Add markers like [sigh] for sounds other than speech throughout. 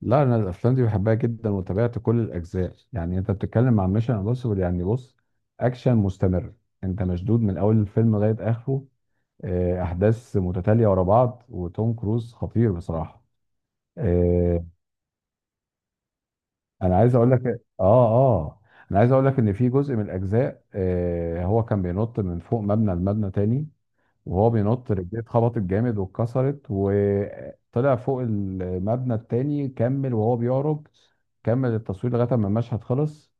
لا، انا الافلام دي بحبها جدا وتابعت كل الاجزاء. يعني انت بتتكلم عن ميشن امبوسيبل، يعني بص، اكشن مستمر. انت مشدود من اول الفيلم لغايه اخره. احداث متتاليه ورا بعض، وتوم كروز خطير بصراحه. آه، انا عايز اقول لك اه اه انا عايز اقول لك ان في جزء من الاجزاء، هو كان بينط من فوق مبنى لمبنى تاني. وهو بينط رجليه اتخبطت جامد واتكسرت، وطلع فوق المبنى التاني كمل وهو بيعرج. كمل التصوير لغايه ما المشهد خلص.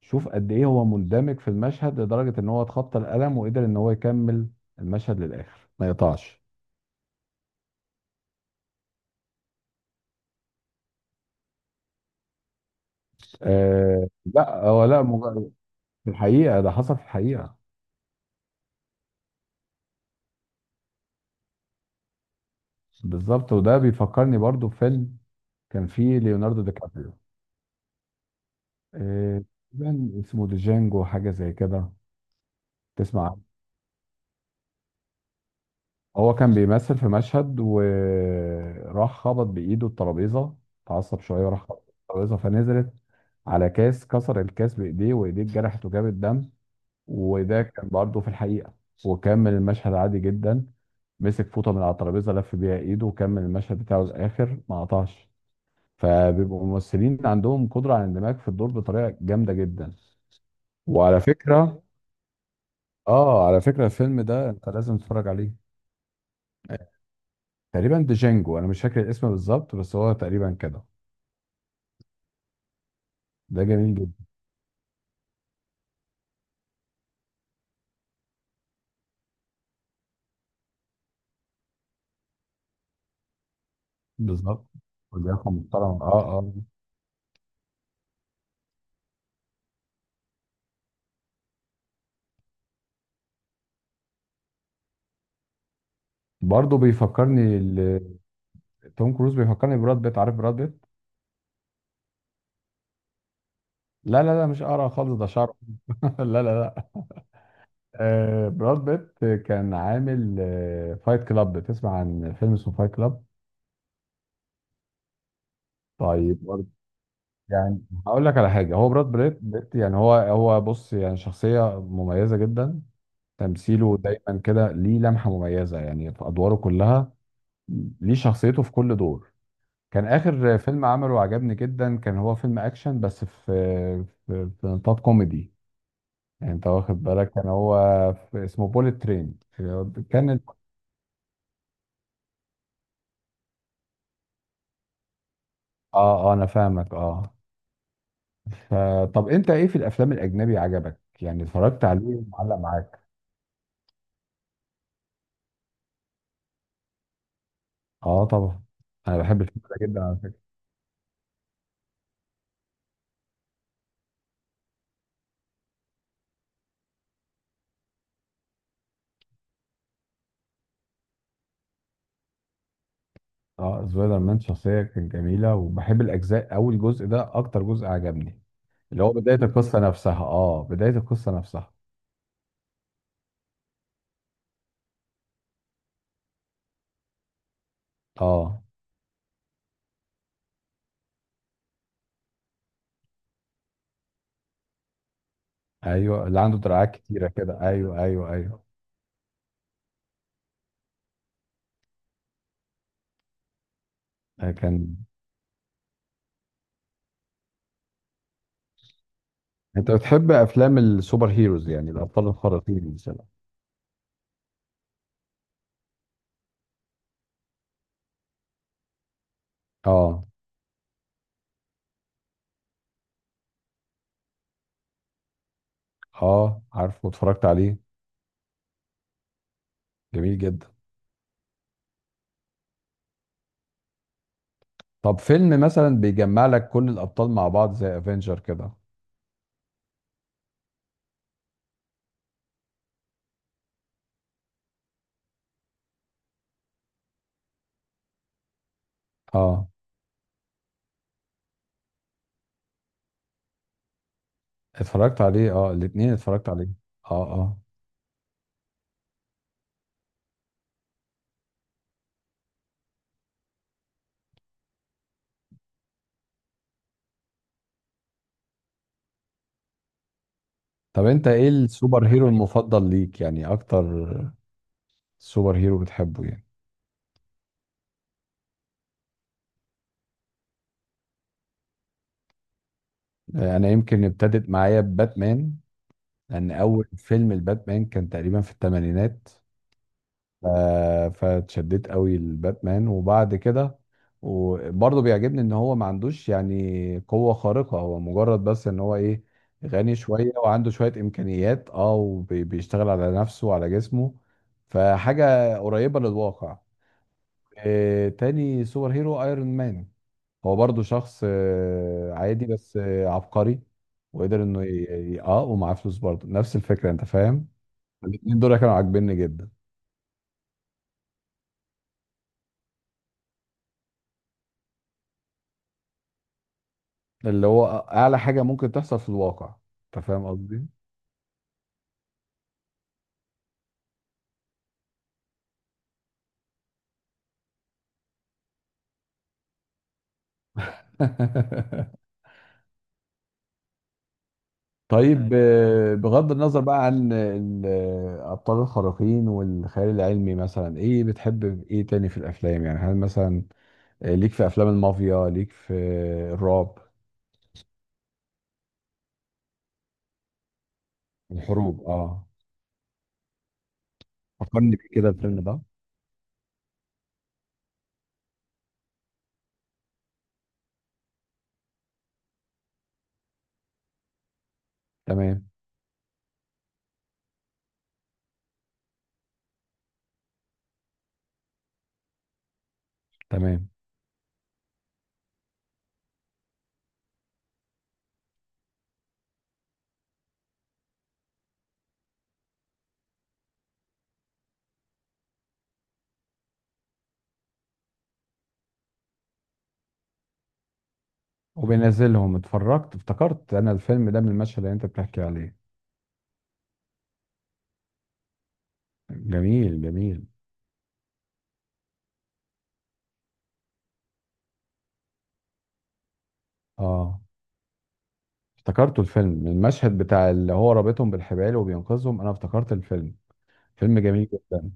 شوف قد ايه هو مندمج في المشهد، لدرجه ان هو اتخطى الالم وقدر ان هو يكمل المشهد للاخر ما يقطعش. لا، هو لا، في الحقيقه ده حصل في الحقيقه. بالظبط. وده بيفكرني برضو بفيلم كان فيه ليوناردو دي كابريو. آه تقريباً اسمه ديجانجو، حاجه زي كده. تسمع؟ هو كان بيمثل في مشهد وراح خبط بإيده الترابيزة. اتعصب شوية وراح خبط الترابيزة فنزلت على كاس، كسر الكاس بإيديه وإيديه اتجرحت وجابت دم. وده كان برضه في الحقيقة. وكمل المشهد عادي جدا. مسك فوطة من على الترابيزة، لف بيها إيده وكمل المشهد بتاعه للآخر ما قطعش. فبيبقوا الممثلين عندهم قدرة على الاندماج في الدور بطريقة جامدة جدا. وعلى فكرة آه على فكرة الفيلم ده أنت لازم تتفرج عليه. تقريبا ديجانجو، انا مش فاكر الاسم بالظبط، بس هو تقريبا كده. ده جميل جدا. بالظبط. ولياقه محترمه، اه، اه. برضه بيفكرني توم كروز بيفكرني براد بيت. عارف براد بيت؟ لا، لا، لا، مش قرع خالص، ده شعره. [laughs] لا، لا، لا. براد بيت كان عامل فايت كلاب. تسمع عن فيلم اسمه فايت كلاب؟ طيب برضه، يعني هقول لك على حاجه. هو براد بيت، يعني هو بص، يعني شخصيه مميزه جدا. تمثيله دايما كده ليه لمحه مميزه، يعني في ادواره كلها. ليه شخصيته في كل دور. كان اخر فيلم عمله عجبني جدا. كان هو فيلم اكشن، بس في نطاق كوميدي. يعني انت واخد بالك، كان هو في، اسمه بوليت ترين. كانت، اه اه، انا فاهمك، اه. فطب انت ايه في الافلام الاجنبي عجبك، يعني اتفرجت عليه معلق معاك؟ اه طبعا. انا بحب الفيلم ده جدا على فكره. اه، سبايدر مان شخصيه كانت جميله، وبحب الاجزاء. اول جزء ده اكتر جزء عجبني. اللي هو بدايه القصه نفسها. اه، ايوه. اللي عنده دراعات كتيره كده، ايوه، ايوه، ايوه. كان. انت بتحب افلام السوبر هيروز، يعني الابطال الخارقين مثلا؟ اه، اه، عارفه واتفرجت عليه. جميل جدا. طب فيلم مثلا بيجمع لك كل الابطال مع بعض، زي افنجر كده؟ اه، اتفرجت عليه، اه الاتنين اتفرجت عليه. اه، اه. طب انت ايه السوبر هيرو المفضل ليك، يعني اكتر سوبر هيرو بتحبه يعني؟ انا يمكن ابتدت معايا باتمان. لان اول فيلم الباتمان كان تقريبا في الثمانينات. ف- فاتشددت قوي لباتمان وبعد كده. وبرضه بيعجبني ان هو ما عندوش يعني قوة خارقة، هو مجرد بس ان هو ايه، غني شوية وعنده شوية امكانيات، اه، وبيشتغل على نفسه وعلى جسمه. فحاجة قريبة للواقع. تاني سوبر هيرو ايرون مان. هو برضه شخص عادي، بس عبقري. وقدر انه ومعاه فلوس برضه نفس الفكرة، انت فاهم. الاتنين دول كانوا عاجبني جدا. اللي هو اعلى حاجه ممكن تحصل في الواقع. انت فاهم قصدي؟ [laughs] طيب ايوه. بغض النظر بقى عن الابطال الخارقين والخيال العلمي، مثلا ايه بتحب؟ ايه تاني في الافلام، يعني هل مثلا ليك في افلام المافيا، ليك في الرعب؟ الحروب، اه. فكرني بيه كده الفيلم ده. تمام، تمام. وبينزلهم، اتفرجت، افتكرت انا الفيلم ده من المشهد اللي انت بتحكي عليه. جميل، جميل. اه افتكرته الفيلم. المشهد بتاع اللي هو رابطهم بالحبال وبينقذهم، انا افتكرت الفيلم. فيلم جميل جدا.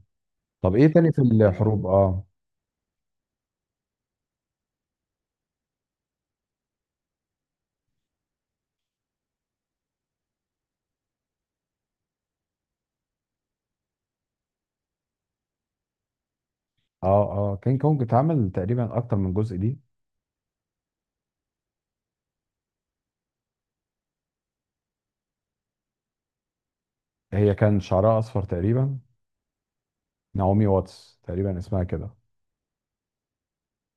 طب ايه تاني في الحروب، اه؟ اه، اه، كينج كونج اتعمل تقريبا اكتر من جزء دي. هي كان شعرها اصفر تقريبا. نعومي واتس تقريبا اسمها كده.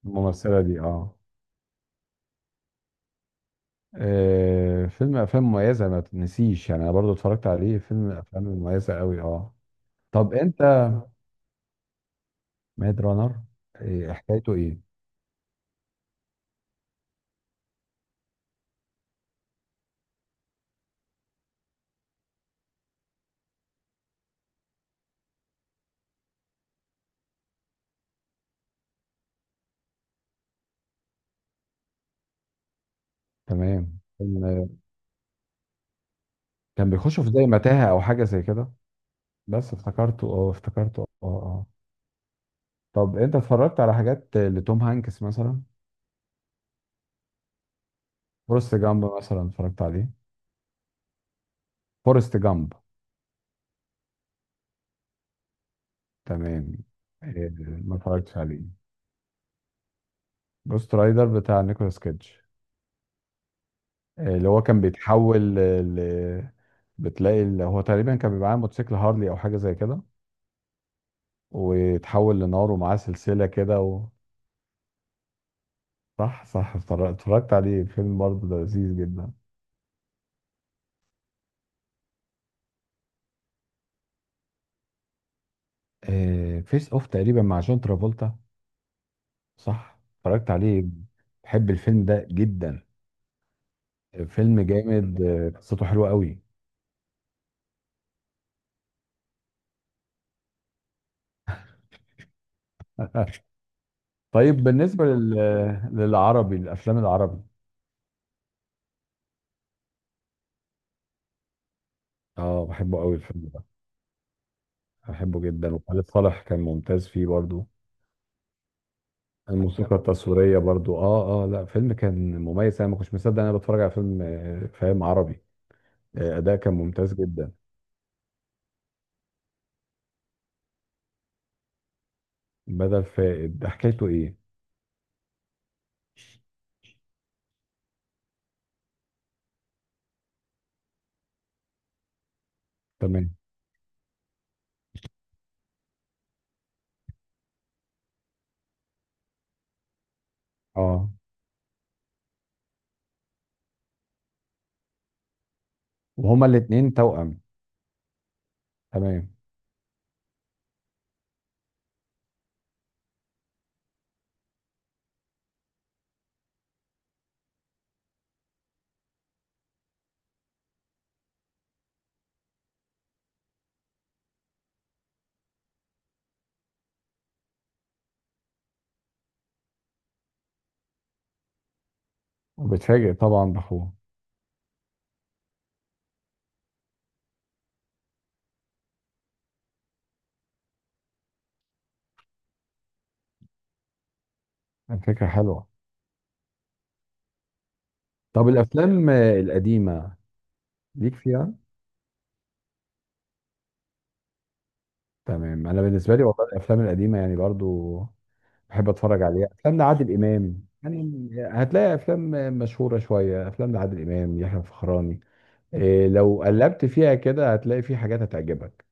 الممثلة دي، اه. افلام مميزة ما تنسيش، يعني انا برضو اتفرجت عليه. افلام مميزة قوي، اه. طب انت، ميد رانر إيه حكايته، ايه؟ تمام، كان. كان بيخشوا في زي متاهة او حاجة زي كده. بس افتكرته، اه، اه. طب انت اتفرجت على حاجات لتوم هانكس مثلا؟ فورست جامب مثلا اتفرجت عليه؟ فورست جامب. تمام. إيه، ما اتفرجتش عليه. جوست رايدر بتاع نيكولاس كيدج؟ إيه، اللي هو كان بيتحول ل- بتلاقي اللي هو تقريبا كان بيبقى معاه موتوسيكل هارلي او حاجه زي كده. ويتحول لنار، ومعاه سلسله كده و... صح، صح، اتفرجت عليه. فيلم برضه ده لذيذ جدا. فيس اوف تقريبا، مع جون ترافولتا؟ صح، اتفرجت عليه. بحب الفيلم ده جدا. فيلم جامد. قصته حلوه قوي. [laughs] طيب بالنسبه للعربي، الافلام العربي. اه، بحبه قوي الفيلم ده. بحبه جدا، وخالد صالح كان ممتاز فيه برضو. الموسيقى التصويريه برضو، اه، اه. لا، فيلم كان مميز، انا ما كنتش مصدق إن انا بتفرج على فيلم فاهم، عربي. اداء كان ممتاز جدا. بدل فائد ده، حكايته ايه؟ تمام. اه. وهما الاتنين توأم؟ تمام. وبتفاجئ طبعا باخوه. الفكره حلوه. طب الافلام القديمه، ليك فيها؟ تمام. انا بالنسبه لي والله الافلام القديمه يعني برضو بحب اتفرج عليها، افلام لعادل امام يعني. هتلاقي افلام مشهوره شويه، افلام لعادل امام، يحيى الفخراني. إيه، لو قلبت فيها كده هتلاقي في حاجات هتعجبك.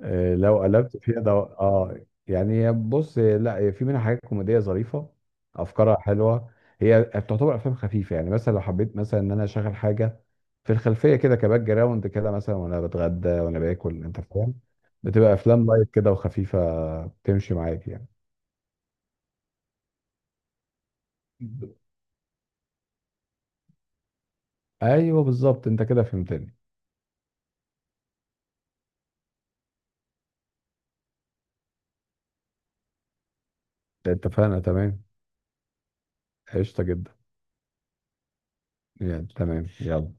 لو قلبت فيها ده، اه. يعني بص، لا، في منها حاجات كوميديه ظريفه. افكارها حلوه. هي بتعتبر افلام خفيفه، يعني مثلا لو حبيت مثلا ان انا اشغل حاجه في الخلفيه كده، كباك جراوند كده مثلا، وانا بتغدى وانا باكل، انت فاهم. بتبقى افلام لايت كده وخفيفه. بتمشي معاك يعني. ايوه بالظبط، انت كده فهمتني. اتفقنا، تمام. قشطه جدا. يعني تمام، يلا.